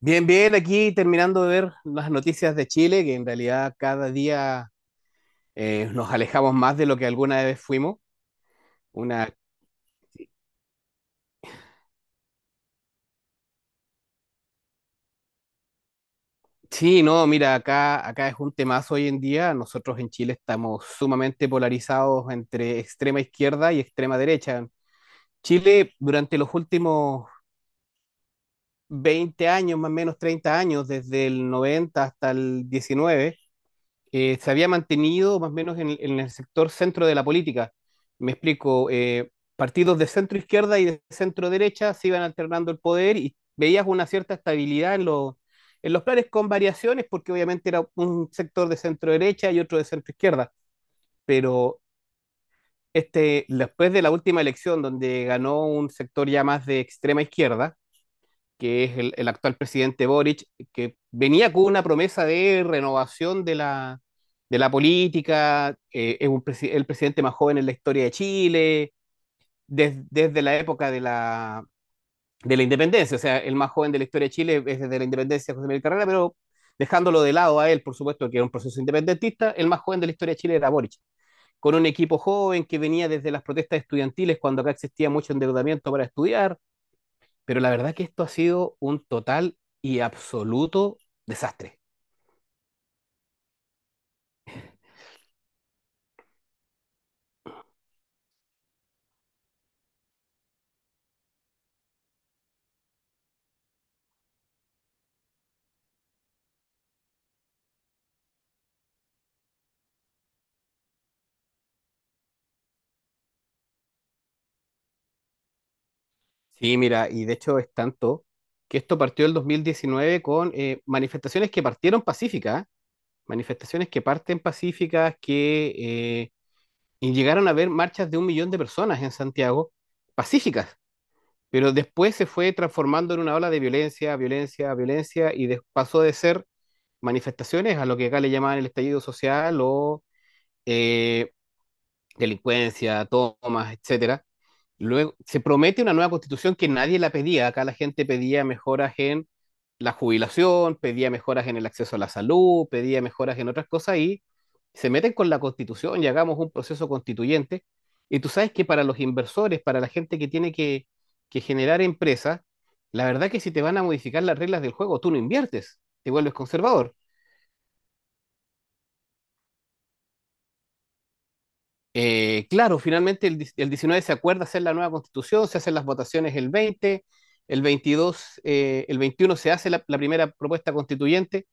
Bien, bien, aquí terminando de ver las noticias de Chile, que en realidad cada día nos alejamos más de lo que alguna vez fuimos. Una. Sí, no, mira, acá es un temazo hoy en día. Nosotros en Chile estamos sumamente polarizados entre extrema izquierda y extrema derecha. Chile, durante los últimos 20 años, más o menos 30 años, desde el 90 hasta el 19, se había mantenido más o menos en el sector centro de la política. Me explico, partidos de centro izquierda y de centro derecha se iban alternando el poder y veías una cierta estabilidad en los planes con variaciones, porque obviamente era un sector de centro derecha y otro de centro izquierda, pero después de la última elección donde ganó un sector ya más de extrema izquierda, que es el actual presidente Boric, que venía con una promesa de renovación de la política. El presidente más joven en la historia de Chile desde la época de la independencia, o sea, el más joven de la historia de Chile es desde la independencia de José Miguel Carrera, pero dejándolo de lado a él, por supuesto, que era un proceso independentista, el más joven de la historia de Chile era Boric, con un equipo joven que venía desde las protestas estudiantiles cuando acá existía mucho endeudamiento para estudiar, pero la verdad que esto ha sido un total y absoluto desastre. Sí, mira, y de hecho es tanto que esto partió el 2019 con manifestaciones que partieron pacíficas, manifestaciones que parten pacíficas, que y llegaron a haber marchas de un millón de personas en Santiago, pacíficas, pero después se fue transformando en una ola de violencia, violencia, violencia, pasó de ser manifestaciones a lo que acá le llamaban el estallido social o eh, delincuencia, tomas, etcétera. Luego se promete una nueva constitución que nadie la pedía. Acá la gente pedía mejoras en la jubilación, pedía mejoras en el acceso a la salud, pedía mejoras en otras cosas y se meten con la constitución y hagamos un proceso constituyente. Y tú sabes que para los inversores, para la gente que tiene que generar empresas, la verdad que si te van a modificar las reglas del juego, tú no inviertes, te vuelves conservador. Claro, finalmente el 19 se acuerda hacer la nueva constitución, se hacen las votaciones el 20, el 22, el 21 se hace la primera propuesta constituyente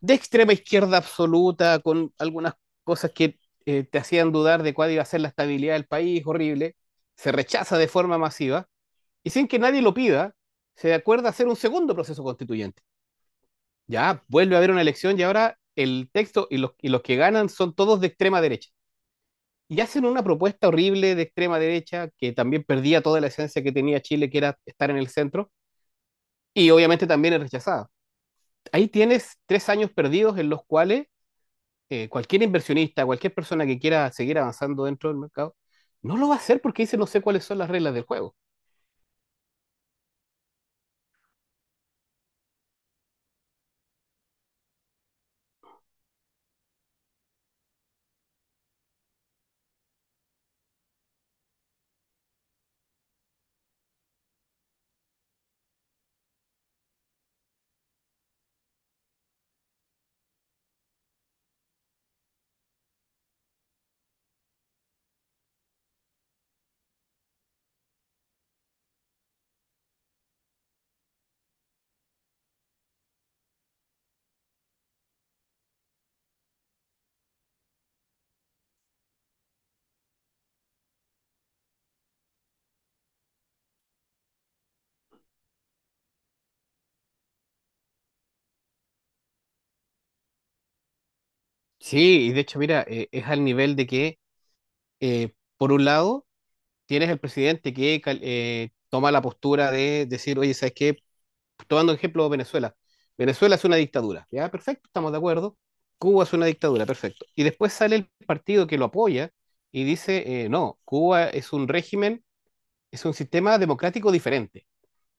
de extrema izquierda absoluta, con algunas cosas que te hacían dudar de cuál iba a ser la estabilidad del país, horrible, se rechaza de forma masiva y sin que nadie lo pida, se acuerda hacer un segundo proceso constituyente. Ya vuelve a haber una elección y ahora el texto y los que ganan son todos de extrema derecha y hacen una propuesta horrible de extrema derecha que también perdía toda la esencia que tenía Chile, que era estar en el centro, y obviamente también es rechazada. Ahí tienes 3 años perdidos en los cuales cualquier inversionista, cualquier persona que quiera seguir avanzando dentro del mercado, no lo va a hacer porque dice no sé cuáles son las reglas del juego. Sí, y de hecho, mira, es al nivel de que por un lado, tienes el presidente que toma la postura de decir, oye, ¿sabes qué? Tomando ejemplo Venezuela. Venezuela es una dictadura, ya, perfecto, estamos de acuerdo. Cuba es una dictadura, perfecto. Y después sale el partido que lo apoya y dice, no, Cuba es un régimen, es un sistema democrático diferente.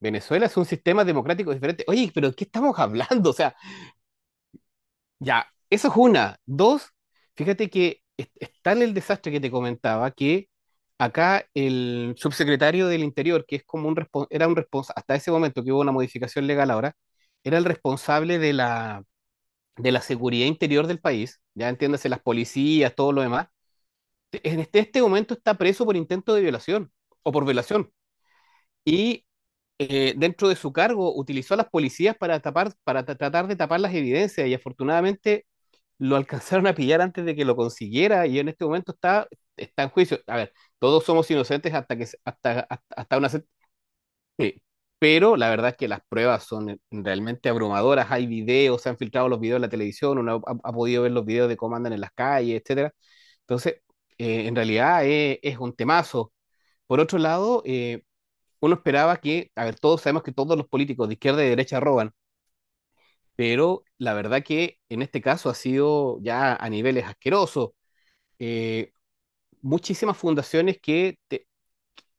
Venezuela es un sistema democrático diferente. Oye, pero ¿qué estamos hablando? O sea, ya, eso es una. Dos, fíjate que es tal el desastre que te comentaba que acá el subsecretario del Interior, que es como era un responsable, hasta ese momento que hubo una modificación legal ahora, era el responsable de la seguridad interior del país, ya entiéndase, las policías, todo lo demás, en este momento está preso por intento de violación o por violación. Y dentro de su cargo utilizó a las policías para tapar, para tratar de tapar las evidencias y afortunadamente lo alcanzaron a pillar antes de que lo consiguiera y en este momento está en juicio. A ver, todos somos inocentes hasta, que, se- hasta, hasta, hasta una. Sí, pero la verdad es que las pruebas son realmente abrumadoras. Hay videos, se han filtrado los videos en la televisión, uno ha podido ver los videos de cómo andan en las calles, etcétera. Entonces, en realidad es un temazo. Por otro lado, uno esperaba que, a ver, todos sabemos que todos los políticos de izquierda y de derecha roban, pero la verdad que en este caso ha sido ya a niveles asquerosos. eh, Muchísimas fundaciones que, te-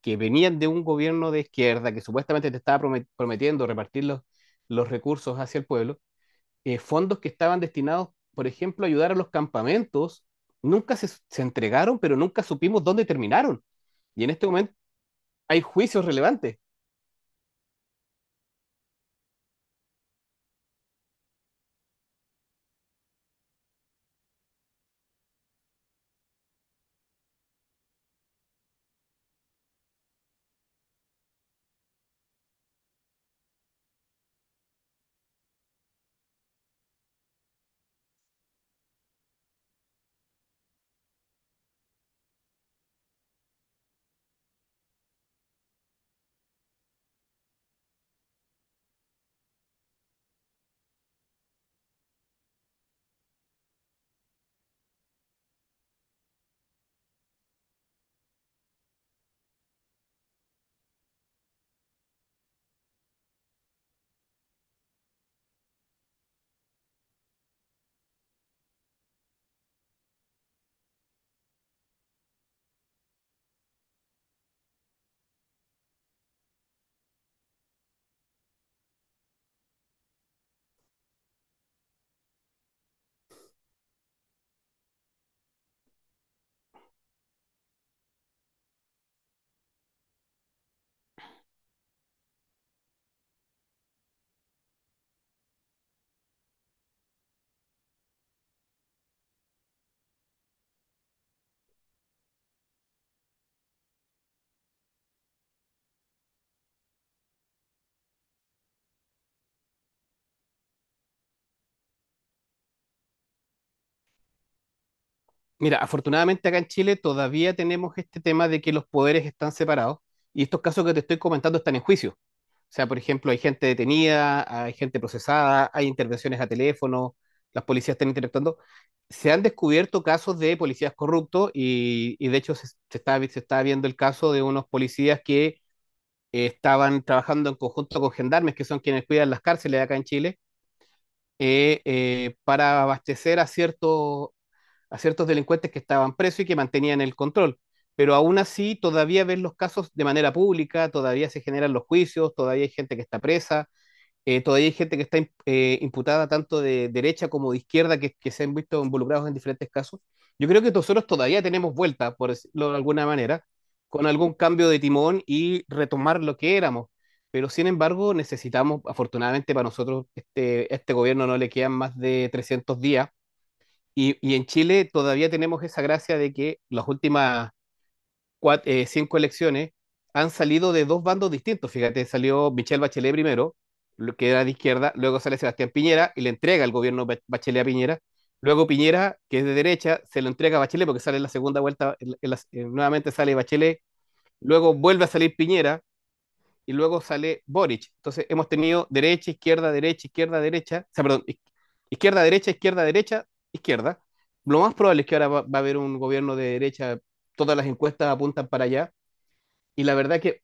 que venían de un gobierno de izquierda que supuestamente te estaba prometiendo repartir los recursos hacia el pueblo, fondos que estaban destinados, por ejemplo, a ayudar a los campamentos, nunca se entregaron, pero nunca supimos dónde terminaron. Y en este momento hay juicios relevantes. Mira, afortunadamente acá en Chile todavía tenemos este tema de que los poderes están separados y estos casos que te estoy comentando están en juicio. O sea, por ejemplo, hay gente detenida, hay gente procesada, hay intervenciones a teléfono, las policías están interactuando. Se han descubierto casos de policías corruptos y de hecho se está viendo el caso de unos policías que estaban trabajando en conjunto con gendarmes, que son quienes cuidan las cárceles acá en Chile, para abastecer a ciertos delincuentes que estaban presos y que mantenían el control. Pero aún así, todavía ven los casos de manera pública, todavía se generan los juicios, todavía hay gente que está presa, todavía hay gente que está imputada tanto de derecha como de izquierda que se han visto involucrados en diferentes casos. Yo creo que nosotros todavía tenemos vuelta, por decirlo de alguna manera, con algún cambio de timón y retomar lo que éramos. Pero sin embargo, necesitamos, afortunadamente para nosotros, este gobierno no le quedan más de 300 días. Y en Chile todavía tenemos esa gracia de que las últimas cinco elecciones han salido de dos bandos distintos. Fíjate, salió Michelle Bachelet primero, lo que era de izquierda, luego sale Sebastián Piñera y le entrega el gobierno Bachelet a Piñera. Luego Piñera, que es de derecha, se lo entrega a Bachelet porque sale en la segunda vuelta, nuevamente sale Bachelet, luego vuelve a salir Piñera y luego sale Boric. Entonces hemos tenido derecha, izquierda, derecha, izquierda, derecha, o sea, perdón, izquierda, derecha, izquierda, derecha, izquierda. Lo más probable es que ahora va a haber un gobierno de derecha, todas las encuestas apuntan para allá, y la verdad que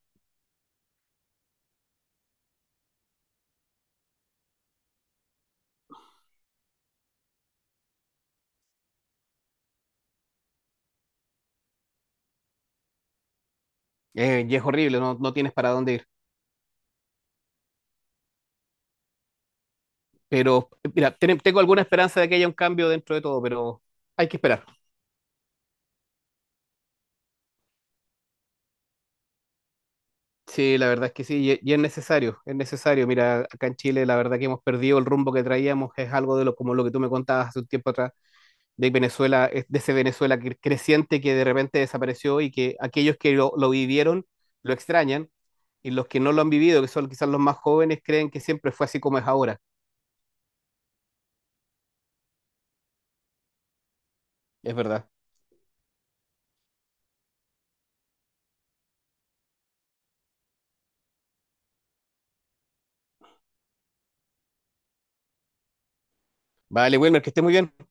y es horrible, no, no tienes para dónde ir. Pero mira, tengo alguna esperanza de que haya un cambio dentro de todo, pero hay que esperar. Sí, la verdad es que sí, y es necesario, es necesario. Mira, acá en Chile la verdad que hemos perdido el rumbo que traíamos, es algo de lo como lo que tú me contabas hace un tiempo atrás de Venezuela, de ese Venezuela creciente que de repente desapareció y que aquellos que lo vivieron lo extrañan y los que no lo han vivido, que son quizás los más jóvenes, creen que siempre fue así como es ahora. Es verdad. Vale, Wilmer, que esté muy bien.